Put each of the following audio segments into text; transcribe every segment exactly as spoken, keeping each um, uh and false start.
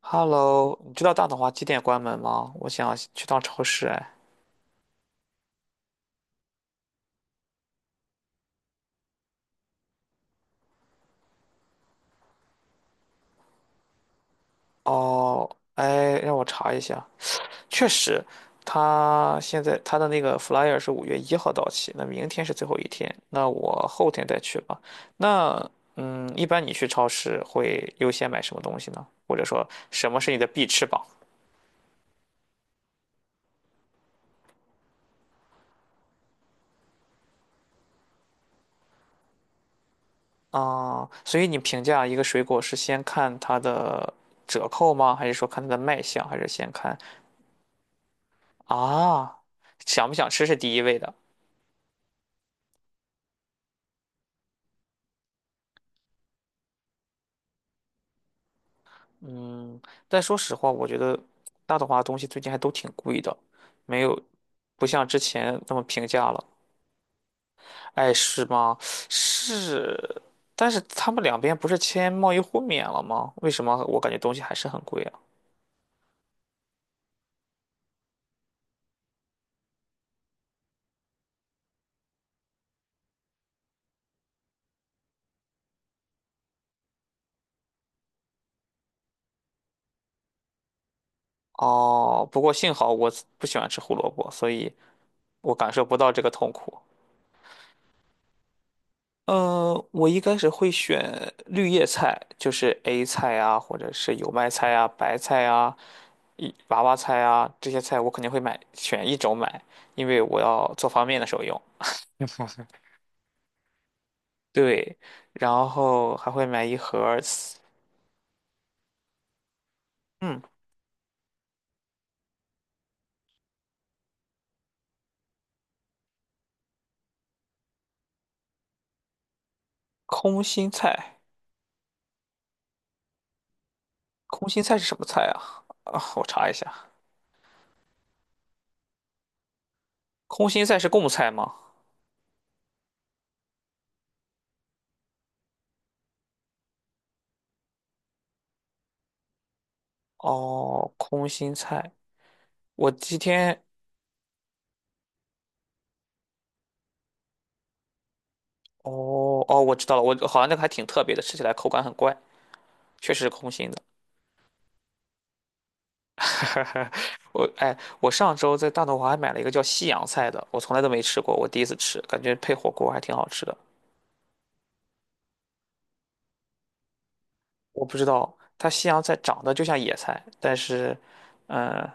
Hello，你知道大统华几点关门吗？我想去趟超市，哎。哦，哎，让我查一下。确实，他现在他的那个 flyer 是五月一号到期，那明天是最后一天，那我后天再去吧。那嗯，一般你去超市会优先买什么东西呢？或者说什么是你的必吃榜？啊，所以你评价一个水果是先看它的折扣吗？还是说看它的卖相？还是先看啊，想不想吃是第一位的？嗯，但说实话，我觉得大董话东西最近还都挺贵的，没有不像之前那么平价了。哎，是吗？是，但是他们两边不是签贸易互免了吗？为什么我感觉东西还是很贵啊？哦，不过幸好我不喜欢吃胡萝卜，所以我感受不到这个痛苦。呃，我一开始会选绿叶菜，就是 A 菜啊，或者是油麦菜啊、白菜啊、一娃娃菜啊这些菜，我肯定会买，选一种买，因为我要做方便面的时候用。对，然后还会买一盒儿嗯，空心菜。空心菜是什么菜啊？啊，我查一下，空心菜是贡菜吗？哦，空心菜，我今天，哦哦，我知道了，我好像那个还挺特别的，吃起来口感很怪。确实是空心的。我哎，我上周在大董华还买了一个叫西洋菜的，我从来都没吃过，我第一次吃，感觉配火锅还挺好吃的。我不知道它西洋菜长得就像野菜，但是，嗯、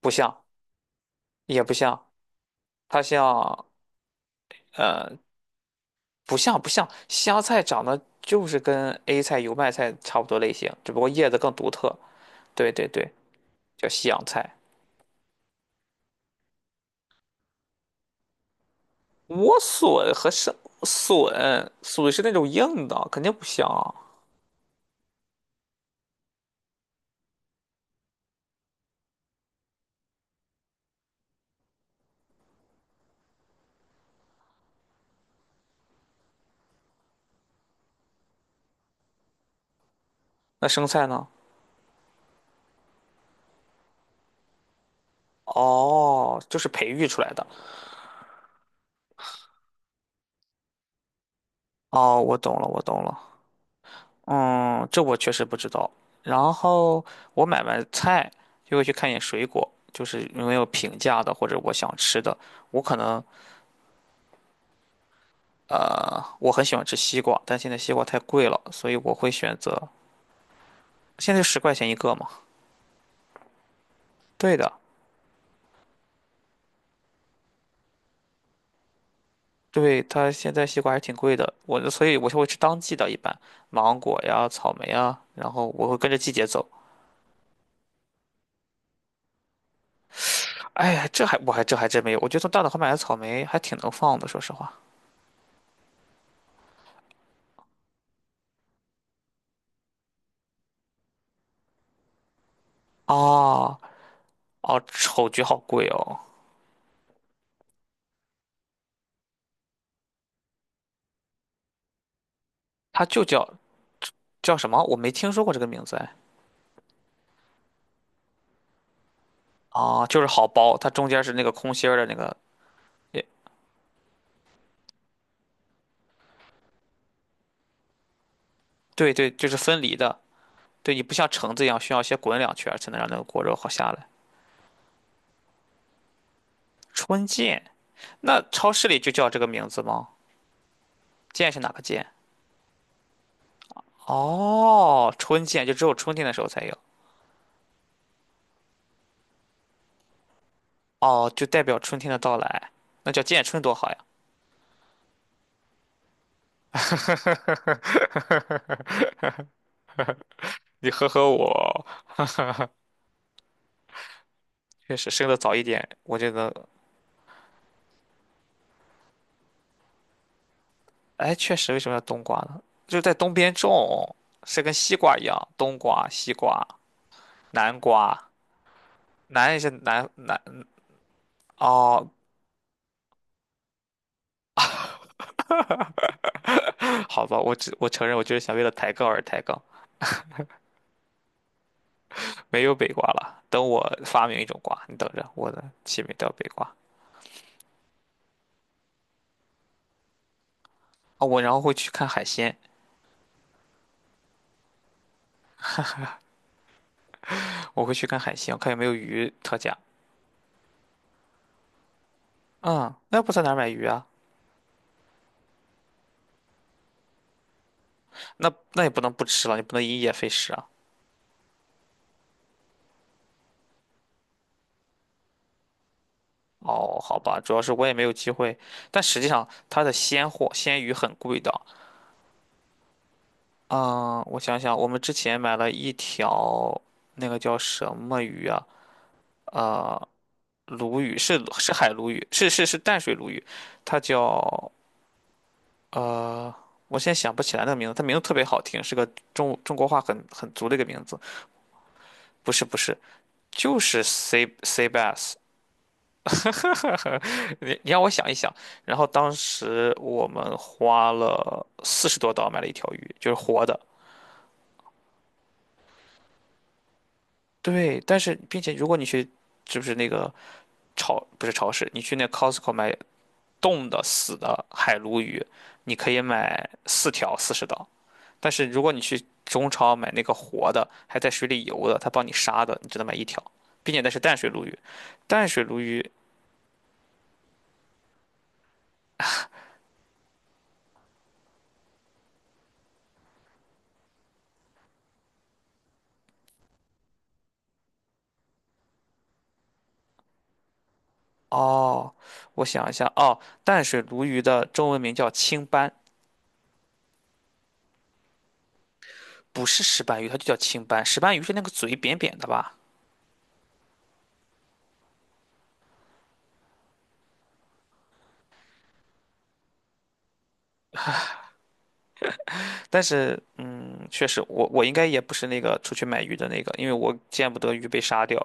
不像，也不像，它像，呃，不像不像，西洋菜长得就是跟 A 菜、油麦菜差不多类型，只不过叶子更独特。对对对，叫西洋菜。莴笋和生笋，笋是那种硬的，肯定不像啊。那生菜呢？哦，就是培育出来的。哦，我懂了，我懂了。嗯，这我确实不知道。然后我买完菜就会去看一眼水果，就是有没有平价的或者我想吃的。我可能呃，我很喜欢吃西瓜，但现在西瓜太贵了，所以我会选择现在十块钱一个嘛。对的，对，它现在西瓜还是挺贵的。我所以我就会吃当季的，一般芒果呀、草莓啊，然后我会跟着季节走。哎呀，这还我还这还真没有，我觉得从大董后买的草莓还挺能放的，说实话。哦哦，丑橘好贵哦，它就叫叫什么？我没听说过这个名字哎。哦，就是好剥，它中间是那个空心儿的那个，对对，就是分离的。对，你不像橙子一样需要先滚两圈儿才能让那个果肉好下来。春见，那超市里就叫这个名字吗？见是哪个见？哦，春见就只有春天的时候才有。哦，就代表春天的到来，那叫见春多好呀。你呵呵我。确实生的早一点，我就能。哎，确实，为什么要冬瓜呢？就是在东边种，是跟西瓜一样，冬瓜、西瓜、南瓜，南也是南南哦。好吧，我只我承认，我就是想为了抬杠而抬杠，没有北瓜了。等我发明一种瓜，你等着，我的起名叫北瓜啊。我然后会去看海鲜，我会去看海鲜，看有没有鱼特价。嗯，那要不在哪儿买鱼啊？那那也不能不吃了，你不能因噎废食啊。哦，好吧，主要是我也没有机会，但实际上它的鲜货鲜鱼很贵的。嗯，我想想，我们之前买了一条那个叫什么鱼啊？呃，鲈鱼是是海鲈鱼，是是是淡水鲈鱼，它叫呃，我现在想不起来那个名字，它名字特别好听，是个中中国话很很足的一个名字。不是不是，就是 sea sea bass，你你让我想一想，然后当时我们花了四十多刀买了一条鱼，就是活的。对，但是并且如果你去，就是那个超不是超市，你去那 Costco 买冻的死的海鲈鱼，你可以买四条四十刀。但是如果你去中超买那个活的，还在水里游的，他帮你杀的，你只能买一条，并且那是淡水鲈鱼。淡水鲈鱼，哦，我想一下，哦，淡水鲈鱼的中文名叫青斑。不是石斑鱼，它就叫青斑。石斑鱼是那个嘴扁扁的吧？但是，嗯，确实，我我应该也不是那个出去买鱼的那个，因为我见不得鱼被杀掉，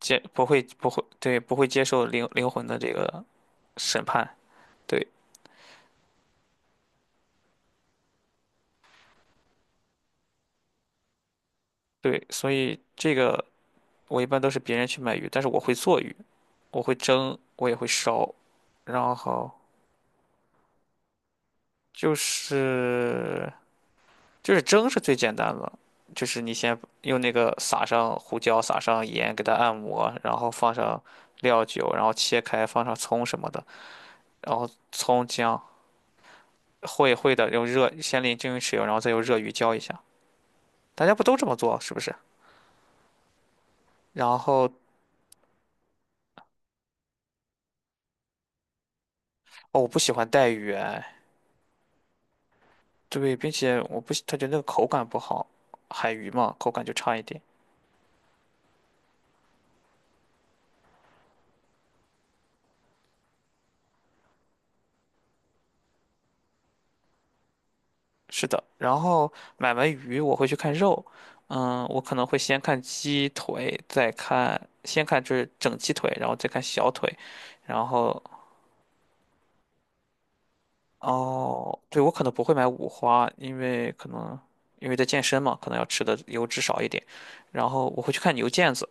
接不会不会对，不会接受灵灵魂的这个审判，对对，所以这个我一般都是别人去买鱼，但是我会做鱼，我会蒸，我也会烧，然后就是就是蒸是最简单的，就是你先用那个撒上胡椒，撒上盐，给它按摩，然后放上料酒，然后切开，放上葱什么的，然后葱姜会会的，用热先淋蒸油，然后再用热鱼浇一下。大家不都这么做是不是？然后哦，我不喜欢带鱼哎，对，并且我不喜，他觉得那个口感不好，海鱼嘛，口感就差一点。是的，然后买完鱼我会去看肉，嗯，我可能会先看鸡腿，再看，先看就是整鸡腿，然后再看小腿，然后哦，对，我可能不会买五花，因为可能因为在健身嘛，可能要吃的油脂少一点，然后我会去看牛腱子，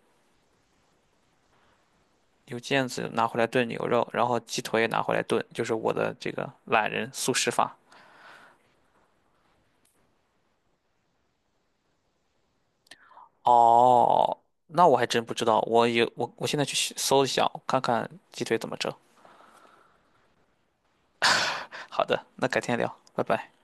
牛腱子拿回来炖牛肉，然后鸡腿也拿回来炖，就是我的这个懒人速食法。哦，那我还真不知道，我有我我现在去搜一下，看看鸡腿怎么整。好的，那改天聊，拜拜。